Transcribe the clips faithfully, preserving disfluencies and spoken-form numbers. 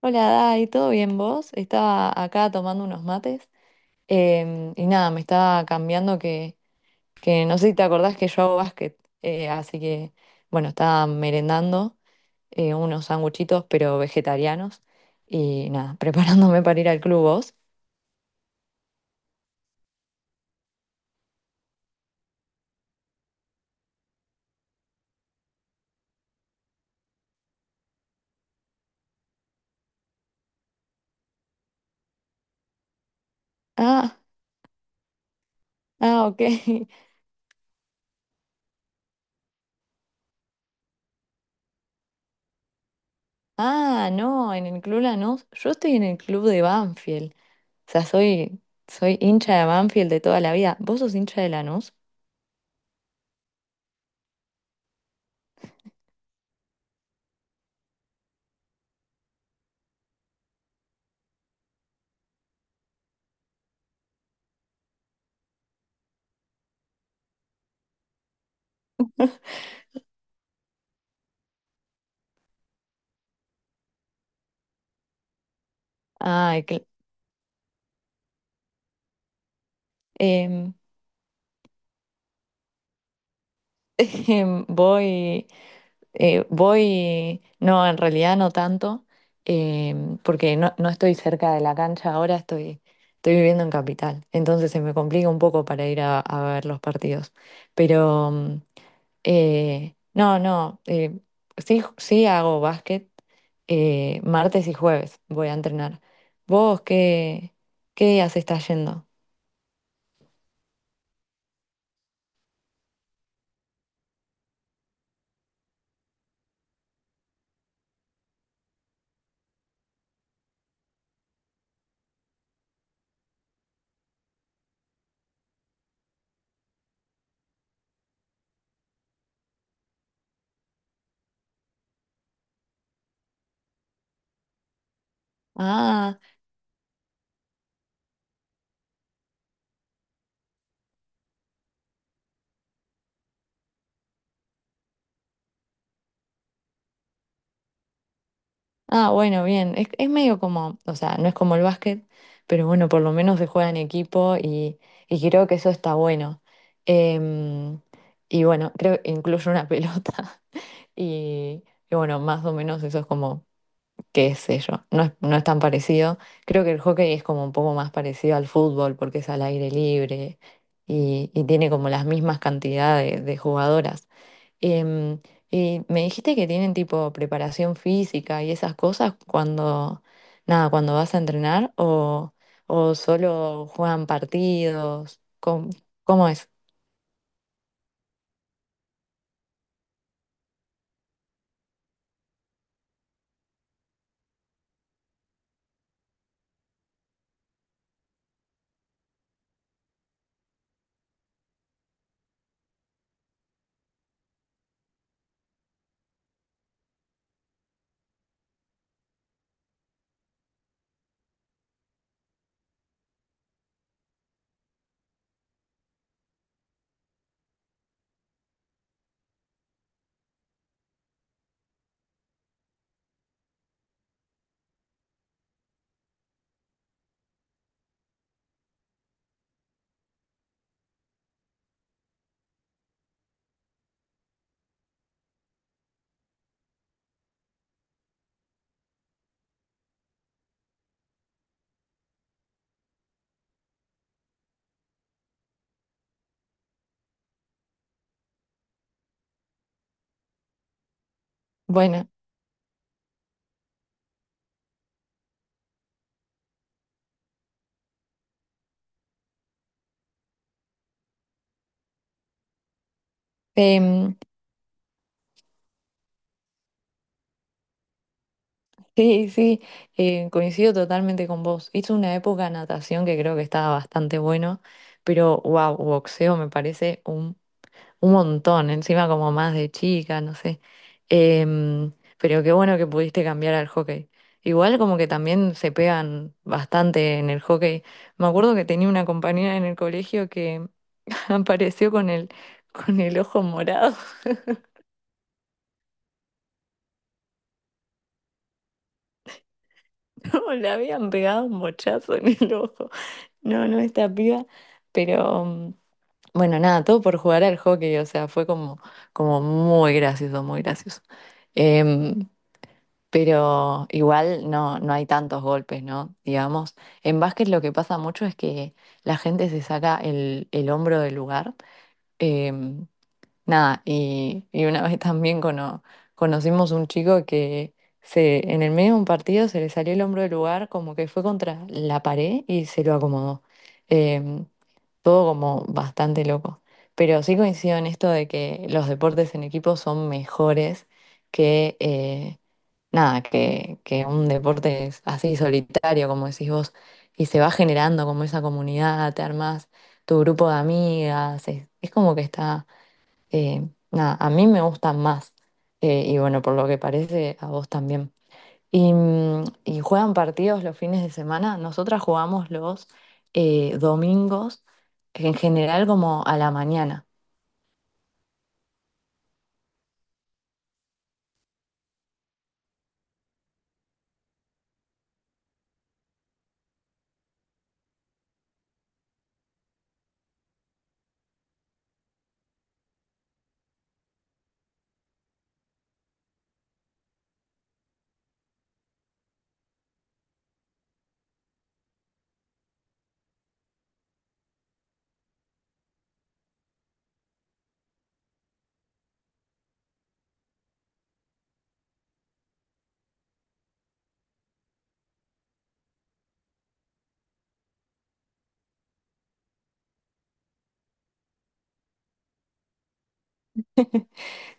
Hola, Dai, ¿todo bien vos? Estaba acá tomando unos mates em, y nada, me estaba cambiando que, que no sé si te acordás que yo hago básquet, eh, así que bueno, estaba merendando eh, unos sanguchitos pero vegetarianos y nada, preparándome para ir al club vos. Ah, ah, ok. Ah, no, en el club Lanús, yo estoy en el club de Banfield, o sea, soy, soy hincha de Banfield de toda la vida. ¿Vos sos hincha de Lanús? Ah, Em, Voy, eh, voy, no, en realidad no tanto, em, porque no, no estoy cerca de la cancha ahora, estoy, estoy viviendo en Capital, entonces se me complica un poco para ir a, a ver los partidos. Pero mm, eh, no, no, eh, sí, sí hago básquet eh, martes y jueves, voy a entrenar. ¿Vos qué, qué días estás yendo? Ah. Ah, bueno, bien. Es, es medio como, o sea, no es como el básquet, pero bueno, por lo menos se juega en equipo y, y creo que eso está bueno. Em, y bueno, creo que incluye una pelota. Y, y bueno, más o menos eso es como, qué sé yo, no es, no es tan parecido. Creo que el hockey es como un poco más parecido al fútbol porque es al aire libre y, y tiene como las mismas cantidades de, de jugadoras. Em, y me dijiste que tienen tipo preparación física y esas cosas cuando, nada, cuando vas a entrenar o, o solo juegan partidos, ¿cómo, cómo es? Bueno, em, sí, sí, eh, coincido totalmente con vos. Hice una época de natación que creo que estaba bastante bueno, pero wow, boxeo me parece un Un montón, encima como más de chica, no sé. Em, pero qué bueno que pudiste cambiar al hockey. Igual como que también se pegan bastante en el hockey. Me acuerdo que tenía una compañera en el colegio que apareció con el, con el ojo morado. No, le habían pegado un bochazo en el ojo. No, no, esta piba. Pero mm, bueno, nada, todo por jugar al hockey. O sea, fue como, como muy gracioso, muy gracioso. Em, Pero igual no, no hay tantos golpes, ¿no? Digamos, en básquet lo que pasa mucho es que la gente se saca el, el hombro del lugar. Em, Nada, y, y una vez también cono- conocimos un chico que se, en el medio de un partido se le salió el hombro del lugar como que fue contra la pared y se lo acomodó. Em, Todo como bastante loco. Pero sí coincido en esto de que los deportes en equipo son mejores que, eh, nada, que, que un deporte es así solitario, como decís vos, y se va generando como esa comunidad, te armas tu grupo de amigas, es, es como que está, eh, nada, a mí me gustan más, eh, y bueno, por lo que parece, a vos también. Y, mm, y juegan partidos los fines de semana. Nosotras jugamos los eh, domingos, en general como a la mañana.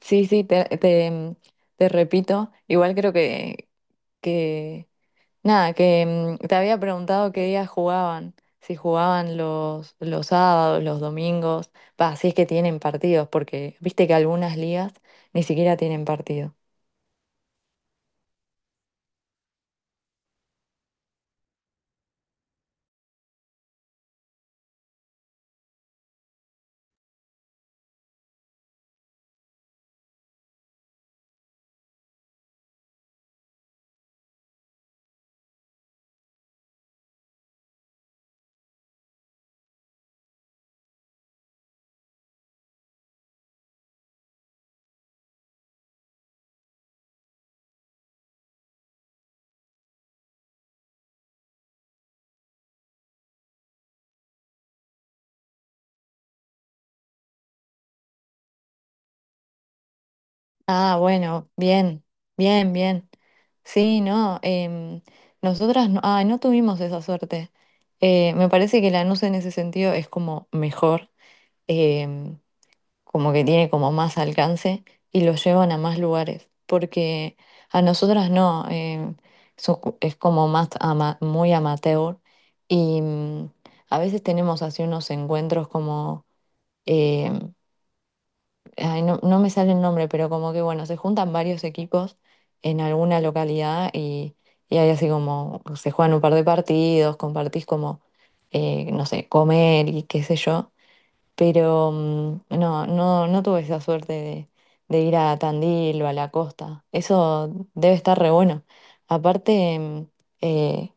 Sí, sí, te, te, mm, te repito, igual creo que, que nada, que mm, te había preguntado qué días jugaban, si jugaban los, los sábados, los domingos, pa, si es que tienen partidos, porque viste que algunas ligas ni siquiera tienen partido. Ah, bueno, bien, bien, bien. Sí, no, em, nosotras no, ah, no tuvimos esa suerte. Eh, me parece que Lanús en ese sentido es como mejor, em, como que tiene como más alcance y lo llevan a más lugares, porque a nosotras no, em, so- es como más ama- muy amateur y mm, a veces tenemos así unos encuentros como em, ay, no, no me sale el nombre, pero como que bueno, se juntan varios equipos en alguna localidad y, y hay así como, se juegan un par de partidos, compartís como, eh, no sé, comer y qué sé yo, pero mm, no, no, no tuve esa suerte de, de ir a Tandil o a la costa, eso debe estar re bueno. Aparte, mm, eh,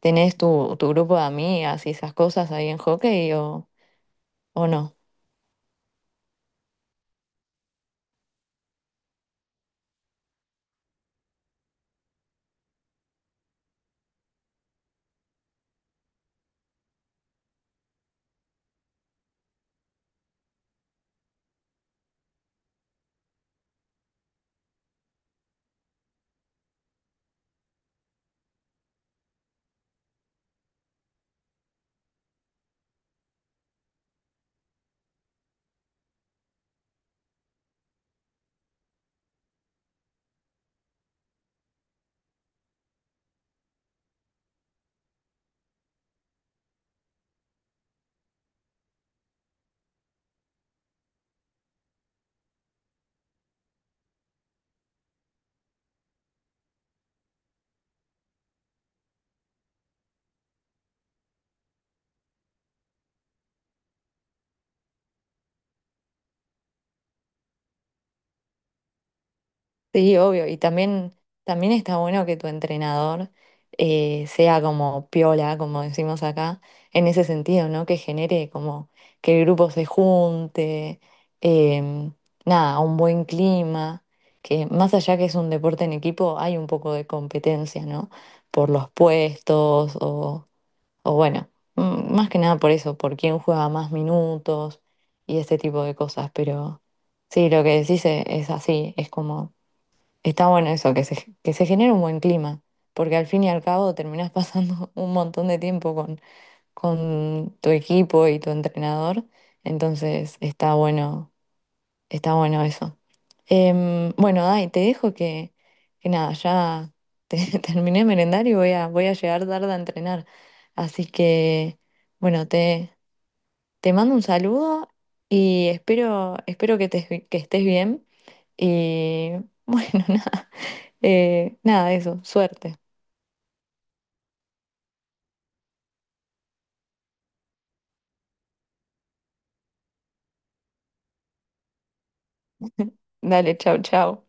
¿tenés tu, tu grupo de amigas y esas cosas ahí en hockey o, o no? Sí, obvio. Y también, también está bueno que tu entrenador eh, sea como piola, como decimos acá, en ese sentido, ¿no? Que genere como que el grupo se junte, em, nada, un buen clima, que más allá que es un deporte en equipo, hay un poco de competencia, ¿no? Por los puestos o, o bueno, mm, más que nada por eso, por quién juega más minutos y ese tipo de cosas, pero... Sí, lo que decís e- es así, es como está bueno eso, que se, que se genere un buen clima, porque al fin y al cabo terminás pasando un montón de tiempo con, con tu equipo y tu entrenador, entonces está bueno, está bueno eso. Em, bueno, Dai, te dejo que, que nada, ya te- terminé de merendar y voy a, voy a llegar tarde a entrenar. Así que, bueno, te, te mando un saludo y espero, espero que, te- que estés bien y bueno, nada, eh, nada, eso, suerte. Dale, chao, chao.